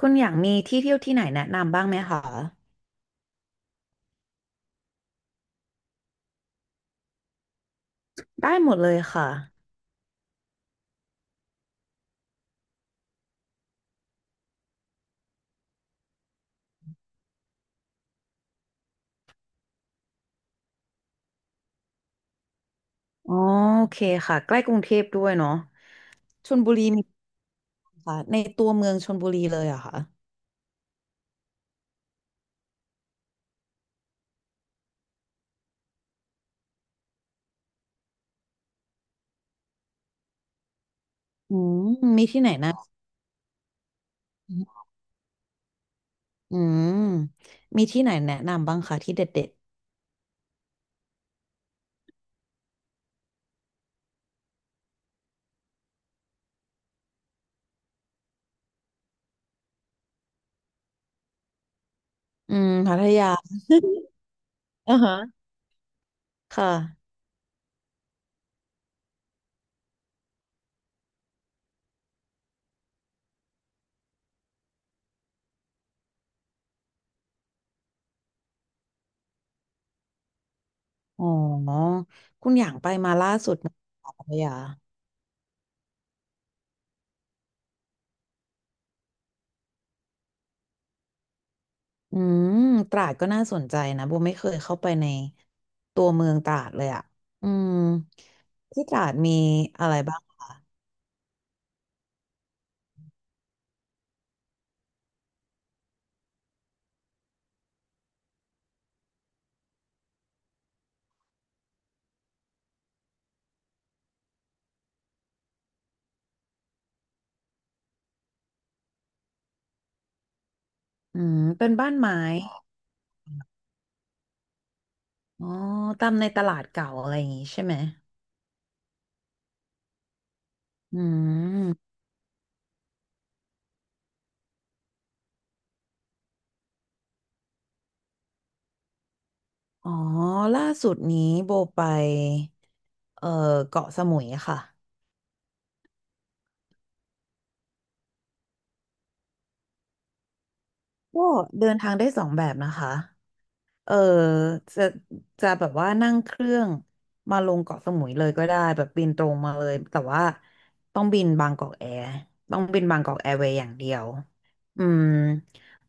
คุณอยากมีที่เที่ยวที่ไหนแนะนำบ้างไหมคะได้หมดเลยค่ะอ๋อโอเคค่ะใกล้กรุงเทพด้วยเนาะชลบุรีมีค่ะในตัวเมืองชลบุรีเลยเหรอะค่ะอืมมีที่ไหนนะอืมมีที่ไหนแนะนำบ้างคะที่เด็ดๆอืมพัทยาอ่าฮะค่ะอ๋อคุณอยากไปมาล่าสุดไหมคะพัทยา อืมตราดก็น่าสนใจนะโบไม่เคยเข้าไปในตัวเมืองตราดเลยอ่ะอืมที่ตราดมีอะไรบ้างอืมเป็นบ้านไม้อ๋อตามในตลาดเก่าอะไรอย่างงี้ใช่ไหมอืมอ๋อล่าสุดนี้โบไปเอ่อเกาะสมุยค่ะก็เดินทางได้สองแบบนะคะ เออจะจะแบบว่านั่งเครื่องมาลงเกาะสมุยเลยก็ได้แบบบินตรงมาเลยแต่ว่าต้องบินบางกอกแอร์ต้องบินบางกอกแอร์เวย์อย่างเดียวอืม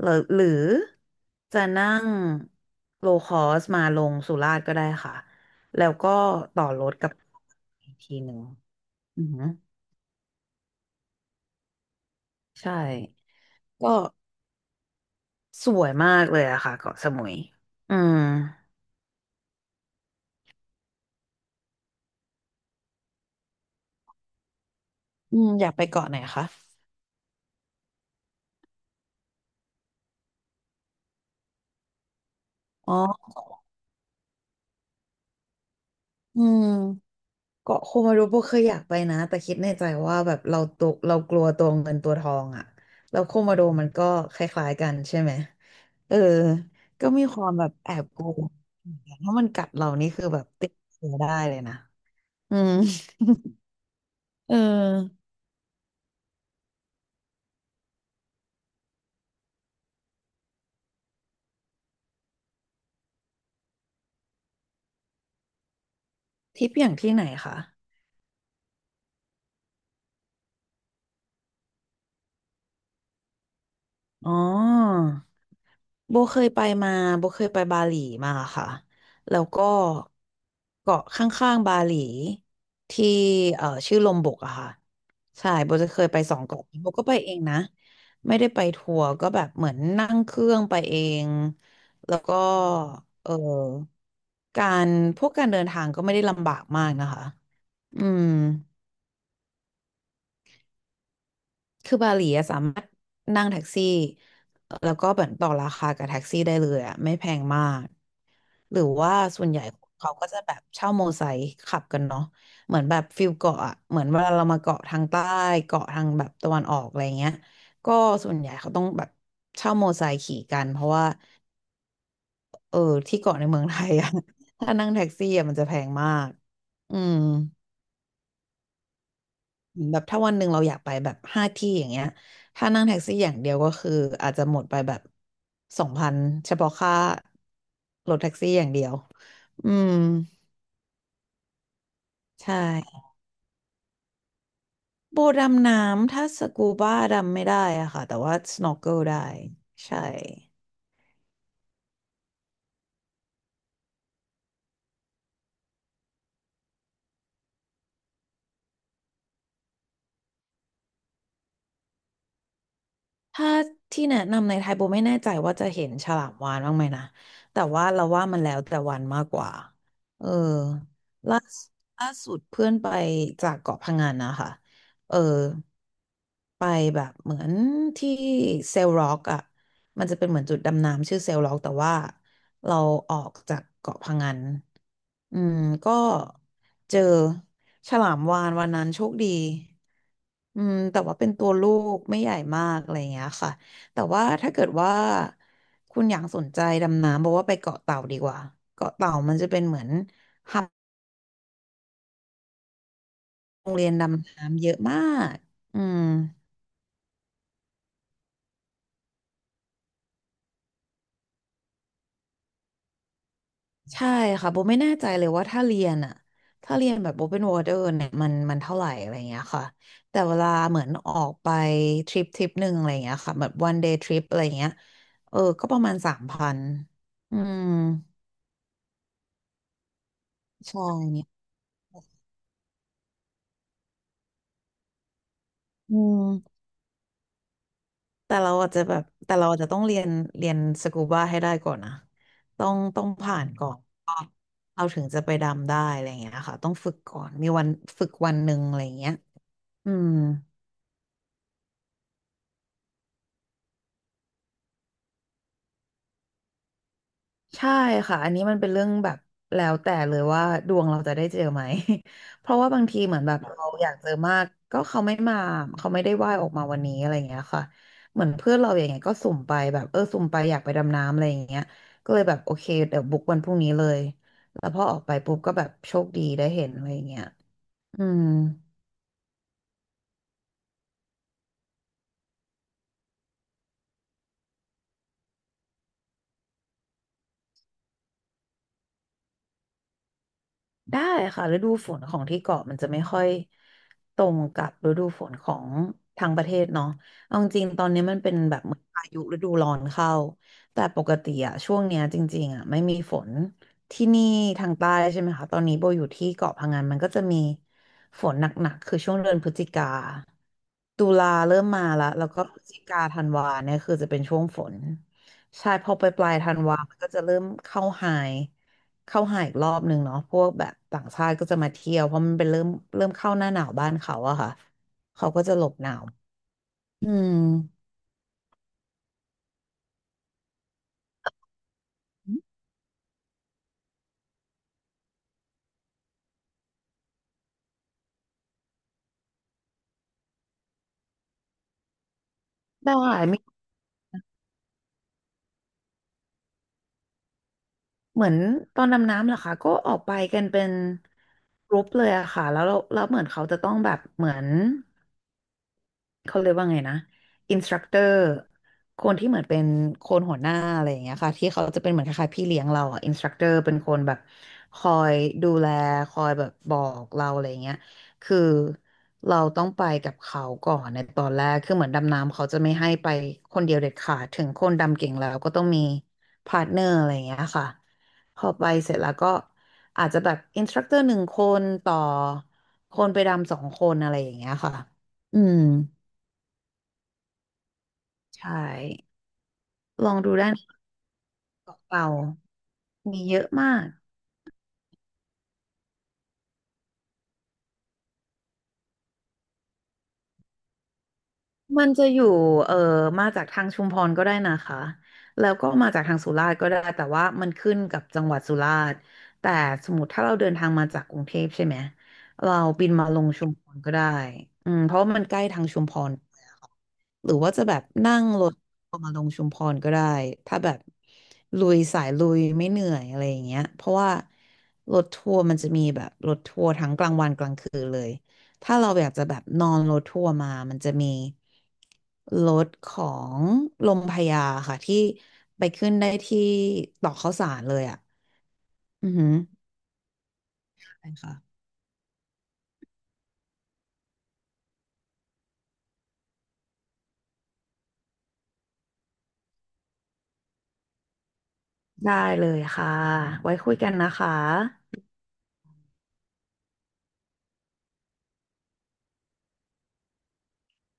หรือจะนั่งโลคอสมาลงสุราษฎร์ก็ได้ค่ะแล้วก็ต่อรถกับอีกทีหนึ่งอือหือใช่ก็สวยมากเลยอะค่ะเกาะสมุยอืมอืมอยากไปเกาะไหนคะอ๋ออืม เกาะโคมารูโบเคยอยากไปนะแต่คิดในใจว่าแบบเราตัวเรากลัวตัวเงินตัวทองอ่ะแล้วโคมาโดมันก็คล้ายๆกันใช่ไหมเออก็มีความแบบแอบกลัวถ้ามันกัดเรานี่คือแบบติดเชื้อได้เลยนะอืม เออทริปอย่างที่ไหนคะอ๋อ โบเคยไปมาโบเคยไปบาหลีมาค่ะแล้วก็เกาะข้างๆบาหลีที่ชื่อลมบกอะค่ะใช่โบจะเคยไปสองเกาะนี้โบก็ไปเองนะไม่ได้ไปทัวร์ก็แบบเหมือนนั่งเครื่องไปเองแล้วก็เออการพวกการเดินทางก็ไม่ได้ลำบากมากนะคะอืมคือบาหลีอะสามารถนั่งแท็กซี่แล้วก็เหมือนต่อราคากับแท็กซี่ได้เลยอะไม่แพงมาก หรือว่าส่วนใหญ่เขาก็จะแบบเช่าโมไซค์ขับกันเนาะเหมือนแบบฟิลเกาะอะเหมือนเวลาเรามาเกาะทางใต้เกาะทางแบบตะวันออกอะไรเงี้ยก็ส่วนใหญ่เขาต้องแบบเช่าโมไซค์ขี่กันเพราะว่าเออที่เกาะในเมืองไทยอะ ถ้านั่งแท็กซี่อะมันจะแพงมากอืมเหมือนแบบถ้าวันหนึ่งเราอยากไปแบบห้าที่อย่างเงี้ยถ้านั่งแท็กซี่อย่างเดียวก็คืออาจจะหมดไปแบบ2,000เฉพาะค่ารถแท็กซี่อย่างเดียวอืมใช่ โบดำน้ำถ้าสกูบ้าดำไม่ได้อะค่ะแต่ว่าสโนว์เกิลได้ใช่ถ้าที่แนะนำในไทยโบไม่แน่ใจว่าจะเห็นฉลามวาฬบ้างไหมนะแต่ว่าเราว่ามันแล้วแต่วันมากกว่าเออล่าสุดล่าสุดเพื่อนไปจากเกาะพะงันนะคะเออไปแบบเหมือนที่เซลล็อกอ่ะมันจะเป็นเหมือนจุดดำน้ำชื่อเซลล็อกแต่ว่าเราออกจากเกาะพะงัน อืมก็เจอฉลามวาฬวันนั้นโชคดีอืมแต่ว่าเป็นตัวลูกไม่ใหญ่มากอะไรอย่างเงี้ยค่ะแต่ว่าถ้าเกิดว่าคุณอยากสนใจดำน้ำบอกว่าไปเกาะเต่าดีกว่าเกาะเต่ามันจะเป็นเหมือนหับโรงเรียนดำน้ำเยอะมากอืม ใช่ค่ะโบไม่แน่ใจเลยว่าถ้าเรียนอะถ้าเรียนแบบ Open Water เนี่ยมันเท่าไหร่อะไรเงี้ยค่ะแต่เวลาเหมือนออกไปทริปหนึ่งอะไรเงี้ยค่ะแบบ one day trip อะไรเงี้ยเออก็ประมาณ3,000อืมใช่เนี่ยอืมแต่เราอาจจะต้องเรียนสกูบาให้ได้ก่อนนะต้องผ่านก่อนเราถึงจะไปดำได้อะไรเงี้ยค่ะต้องฝึกก่อนมีวันฝึกวันหนึ่งอะไรเงี้ยอืม ใช่ค่ะอันนี้มันเป็นเรื่องแบบแล้วแต่เลยว่าดวงเราจะได้เจอไหม เพราะว่าบางทีเหมือนแบบเราอยากเจอมากก็เขาไม่มาเขาไม่ได้ว่ายออกมาวันนี้อะไรอย่างเงี้ยค่ะเหมือนเพื่อนเราอย่างเงี้ยก็สุ่มไปแบบเออสุ่มไปอยากไปดำน้ำอะไรอย่างเงี้ยก็เลยแบบโอเคเดี๋ยวบุ๊กวันพรุ่งนี้เลยแล้วพอออกไปปุ๊บก็แบบโชคดีได้เห็นอะไรอย่างเงี้ยอืม ได้ค่ะฤดูฝนของที่เกาะมันจะไม่ค่อยตรงกับฤดูฝนของทางประเทศเนาะเอาจริงๆตอนนี้มันเป็นแบบเหมือนพายุฤดูร้อนเข้าแต่ปกติอะช่วงเนี้ยจริงๆอะไม่มีฝนที่นี่ทางใต้ใช่ไหมคะตอนนี้โบอยู่ที่เกาะพะงันมันก็จะมีฝนหนักๆคือช่วงเดือนพฤศจิกาตุลาเริ่มมาและแล้วก็พฤศจิกาธันวาเนี่ยคือจะเป็นช่วงฝนใช่พอไปปลายธันวามันก็จะเริ่มเข้าไฮ เข้าหาอีกรอบหนึ่งเนาะพวกแบบต่างชาติก็จะมาเที่ยวเพราะมันเป็นเริ่มเข้าหน้าหนาวบ้านเขาอะค่ะเขาก็จะหลบหนาวอืมได้มีเหมือนตอนดำน้ำเหรอคะก็ออกไปกันเป็นกรุ๊ปเลยอะค่ะแล้วเราแล้วเหมือนเขาจะต้องแบบเหมือน เขาเรียกว่าไงนะอินสตรัคเตอร์คนที่เหมือนเป็นคนหัวหน้าอะไรอย่างเงี้ยค่ะที่เขาจะเป็นเหมือนคล้ายๆพี่เลี้ยงเราอ่ะอินสตรัคเตอร์เป็นคนแบบคอยดูแลคอยแบบบอกเราอะไรอย่างเงี้ยคือเราต้องไปกับเขาก่อนในตอนแรกคือเหมือนดำน้ำเขาจะไม่ให้ไปคนเดียวเด็ดขาดถึงคนดำเก่งแล้วก็ต้องมีพาร์ทเนอร์อะไรอย่างเงี้ยค่ะพอไปเสร็จแล้วก็อาจจะแบบอินสตรัคเตอร์หนึ่งคนต่อคนไปดำสองคนอะไรอย่างเงี้ยค่ะอืม ใช่ ลองดูได้านเปล่าๆมีเยอะมาก มันจะอยู่เอ่อมาจากทางชุมพรก็ได้นะคะแล้วก็มาจากทางสุราษฎร์ก็ได้แต่ว่ามันขึ้นกับจังหวัดสุราษฎร์แต่สมมติถ้าเราเดินทางมาจากกรุงเทพใช่ไหมเราบินมาลงชุมพรก็ได้อืมเพราะว่ามันใกล้ทางชุมพรหรือว่าจะแบบนั่งรถมาลงชุมพรก็ได้ถ้าแบบลุยสายลุยไม่เหนื่อยอะไรอย่างเงี้ยเพราะว่ารถทัวร์มันจะมีแบบรถทัวร์ทั้งกลางวันกลางคืนเลย ถ้าเราอยากจะแบบนอนรถทัวร์มา มันจะมีรถของลมพระยาค่ะที่ไปขึ้นได้ที่ตอกข้าวสารเลยอ่ะอือหือใช่ค่ะได้เลยค่ะ ไว้คุยกันนะคะ